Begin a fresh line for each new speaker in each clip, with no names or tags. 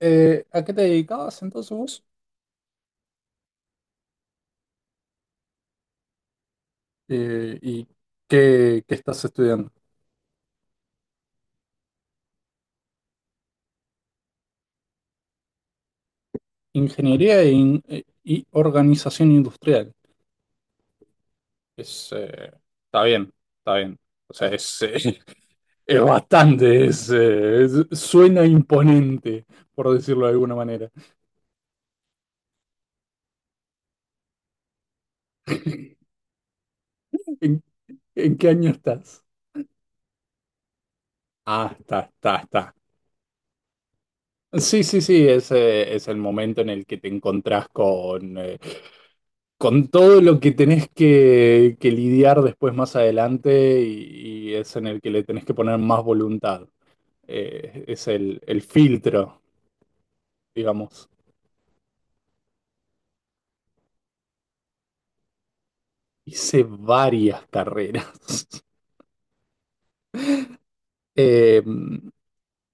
¿A qué te dedicabas entonces vos? ¿Y qué estás estudiando? Ingeniería y organización industrial. Es, eh, está bien. Está bien. O sea, es bastante, es- suena imponente, por decirlo de alguna manera. ¿En, ¿En qué año estás? Ah, está. Es el momento en el que te encontrás con todo lo que tenés que lidiar después más adelante y es en el que le tenés que poner más voluntad. Es el filtro, digamos. Hice varias carreras. Eh,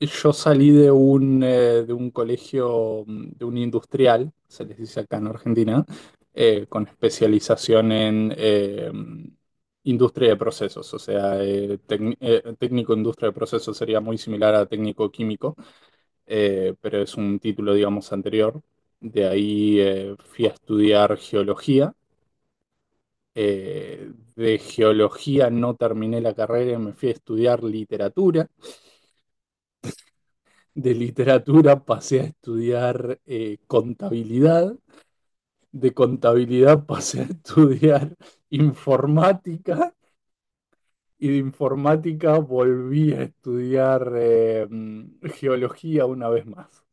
Yo salí de de un colegio, de un industrial, se les dice acá en Argentina, con especialización en industria de procesos, o sea, técnico industria de procesos sería muy similar a técnico químico, pero es un título, digamos, anterior. De ahí fui a estudiar geología. De geología no terminé la carrera y me fui a estudiar literatura. De literatura pasé a estudiar contabilidad, de contabilidad pasé a estudiar informática y de informática volví a estudiar geología una vez más.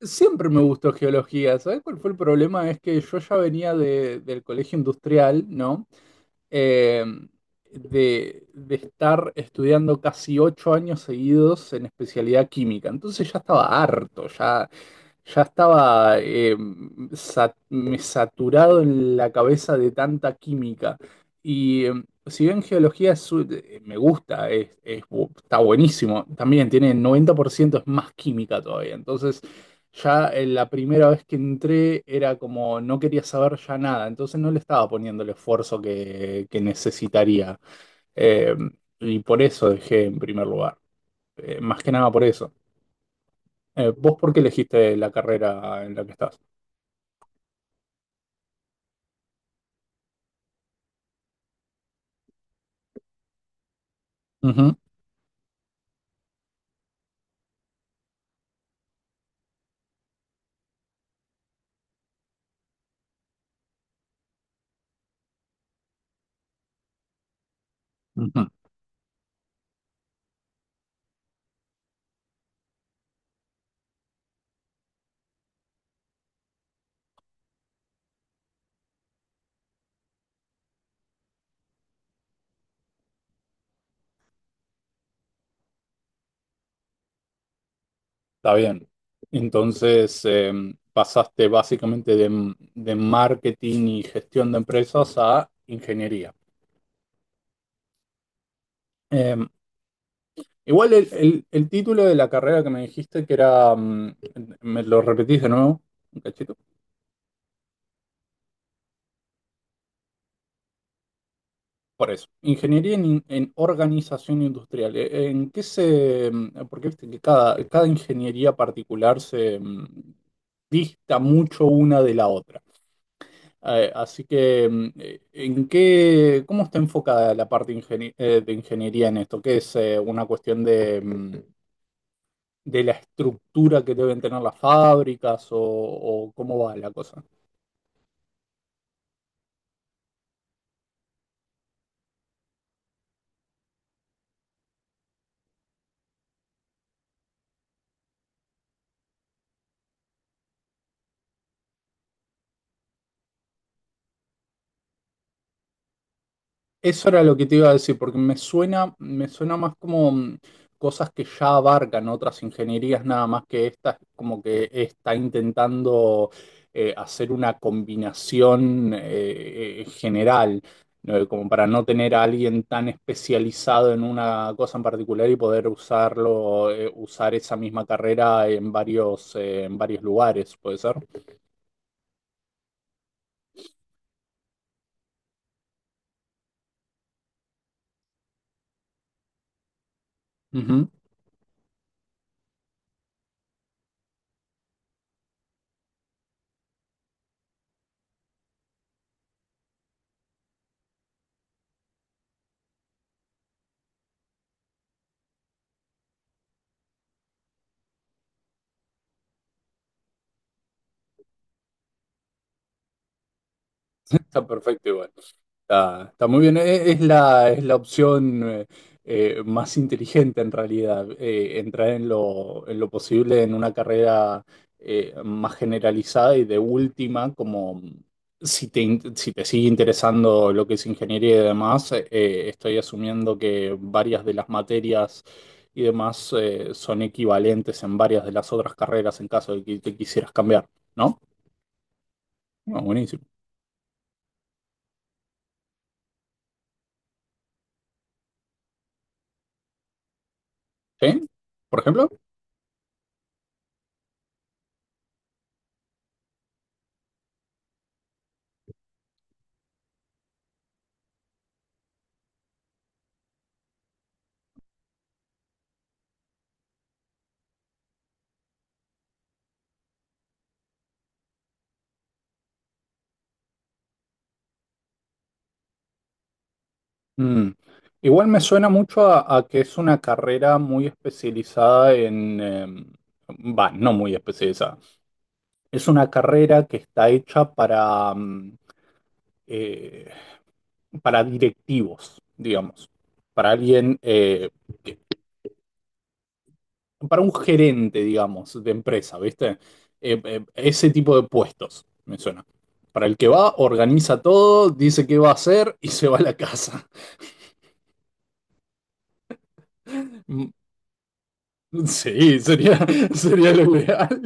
Siempre me gustó geología. ¿Sabes cuál fue el problema? Es que yo ya venía del colegio industrial, ¿no? eh, de estar estudiando casi 8 años seguidos en especialidad química. Entonces ya estaba harto, ya, ya estaba me saturado en la cabeza de tanta química. Y eh, si bien geología me gusta, está buenísimo, también tiene 90% es más química todavía. Entonces ya la primera vez que entré era como no quería saber ya nada, entonces no le estaba poniendo el esfuerzo que necesitaría. Eh, y por eso dejé en primer lugar. Más que nada por eso. ¿Vos por qué elegiste la carrera en la que estás? Ujú, ujú. Está bien. Entonces eh, Pasaste básicamente de marketing y gestión de empresas a ingeniería. Eh, Igual el título de la carrera que me dijiste que era, me lo repetís de nuevo, un cachito, por eso. Ingeniería en organización industrial. ¿En qué se, mm, porque viste que cada ingeniería particular se dista mucho una de la otra? ¿En qué, cómo está enfocada la parte de ingeniería en esto? ¿Qué es una cuestión de de la estructura que deben tener las fábricas o cómo va la cosa? Eso era lo que te iba a decir, porque me me suena más como cosas que ya abarcan otras ingenierías, nada más que esta, es como que está intentando hacer una combinación general, ¿no? Como para no tener a alguien tan especializado en una cosa en particular y poder usarlo, usar esa misma carrera en varios lugares, ¿puede ser? Ujú. Está perfecto igual. Está muy bien. Es la opción más inteligente en realidad. Eh, entrar en en lo posible en una carrera más generalizada y de última, como si si te sigue interesando lo que es ingeniería y demás, estoy asumiendo que varias de las materias y demás son equivalentes en varias de las otras carreras en caso de que te quisieras cambiar, ¿no? Bueno, buenísimo. ¿Sí? ¿Por ejemplo? Mm. Igual me suena mucho a que es una carrera muy especializada en... Va, no muy especializada. Es una carrera que está hecha para, mm, eh, para directivos, digamos. Para alguien, que- para un gerente, digamos, de empresa, ¿viste? Ese tipo de puestos, me suena. Para el que va, organiza todo, dice qué va a hacer y se va a la casa. Mm, Sí, sería lo ideal.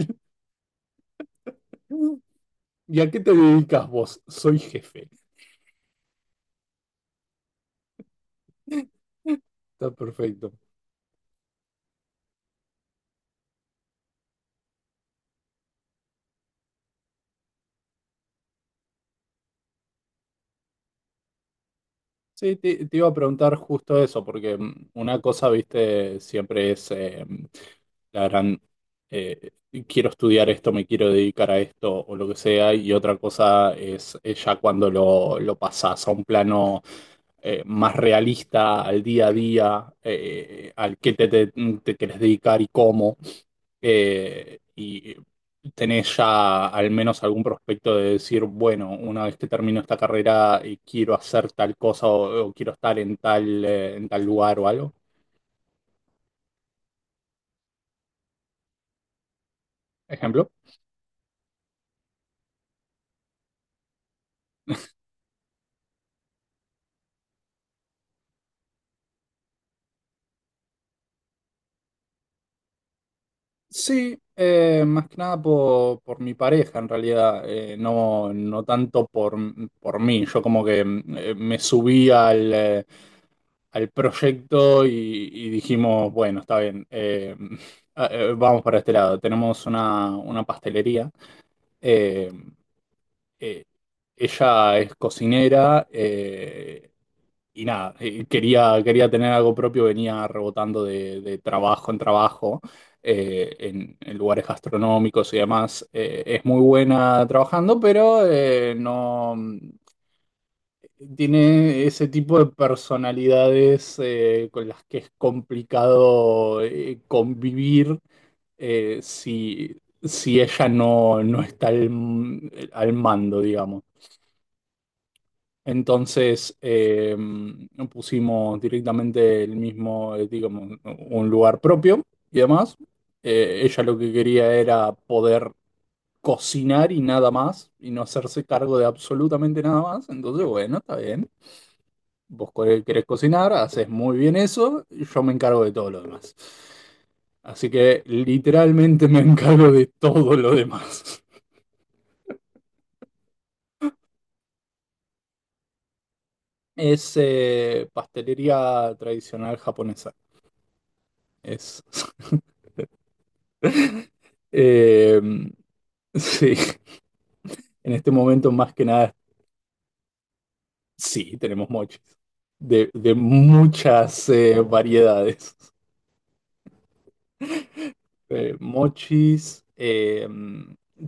¿Y a qué te dedicas vos? Soy jefe. Está perfecto. Sí, te iba a preguntar justo eso, porque mm, una cosa, viste, siempre es la gran, eh, quiero estudiar esto, me quiero dedicar a esto o lo que sea, y otra cosa es ya cuando lo pasás a un plano más realista, al día a día, al que te querés dedicar y cómo. Y tenés ya al menos algún prospecto de decir, bueno, una vez que termino esta carrera quiero hacer tal cosa o quiero estar en tal lugar o algo, ejemplo. Sí, más que nada por mi pareja en realidad, no tanto por mí. Yo como que mm, me subí al proyecto y dijimos, bueno, está bien, ah, vamos para este lado. Tenemos una pastelería. eh, eh, Ella es cocinera y nada, quería tener algo propio, venía rebotando de trabajo en trabajo en lugares gastronómicos y demás. Es muy buena trabajando, pero no mm, tiene ese tipo de personalidades con las que es complicado convivir si ella no está al mando, digamos. Entonces eh, Pusimos directamente el mismo, digamos, un lugar propio y demás. Ella lo que quería era poder cocinar y nada más, y no hacerse cargo de absolutamente nada más. Entonces, bueno, está bien. Querés cocinar, haces muy bien eso, y yo me encargo de todo lo demás. Así que literalmente me encargo de todo lo demás. Es pastelería tradicional japonesa. Es. Eh, sí, en este momento más que nada, sí, tenemos mochis de muchas variedades. Mochis,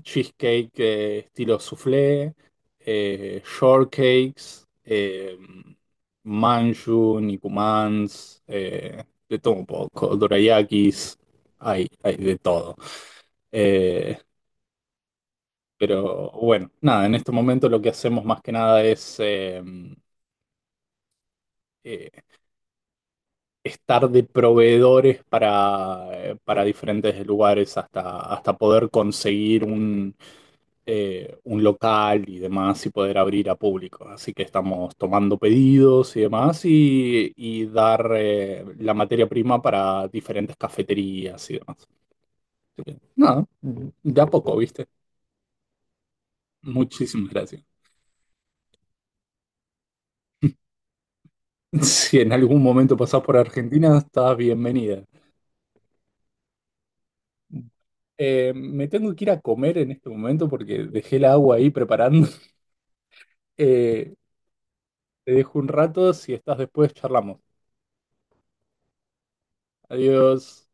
cheesecake estilo soufflé, shortcakes, manju, nikumans, de todo un poco, dorayakis, hay de todo. Eh, Pero bueno, nada, en este momento lo que hacemos más que nada es eh, estar de proveedores para diferentes lugares hasta poder conseguir un local y demás y poder abrir a público. Así que estamos tomando pedidos y demás y dar la materia prima para diferentes cafeterías y demás. Así que, nada, de a poco, ¿viste? Muchísimas gracias. Si en algún momento pasás por Argentina, estás bienvenida. Me tengo que ir a comer en este momento porque dejé el agua ahí preparando. Eh, te dejo un rato, si estás después, charlamos. Adiós.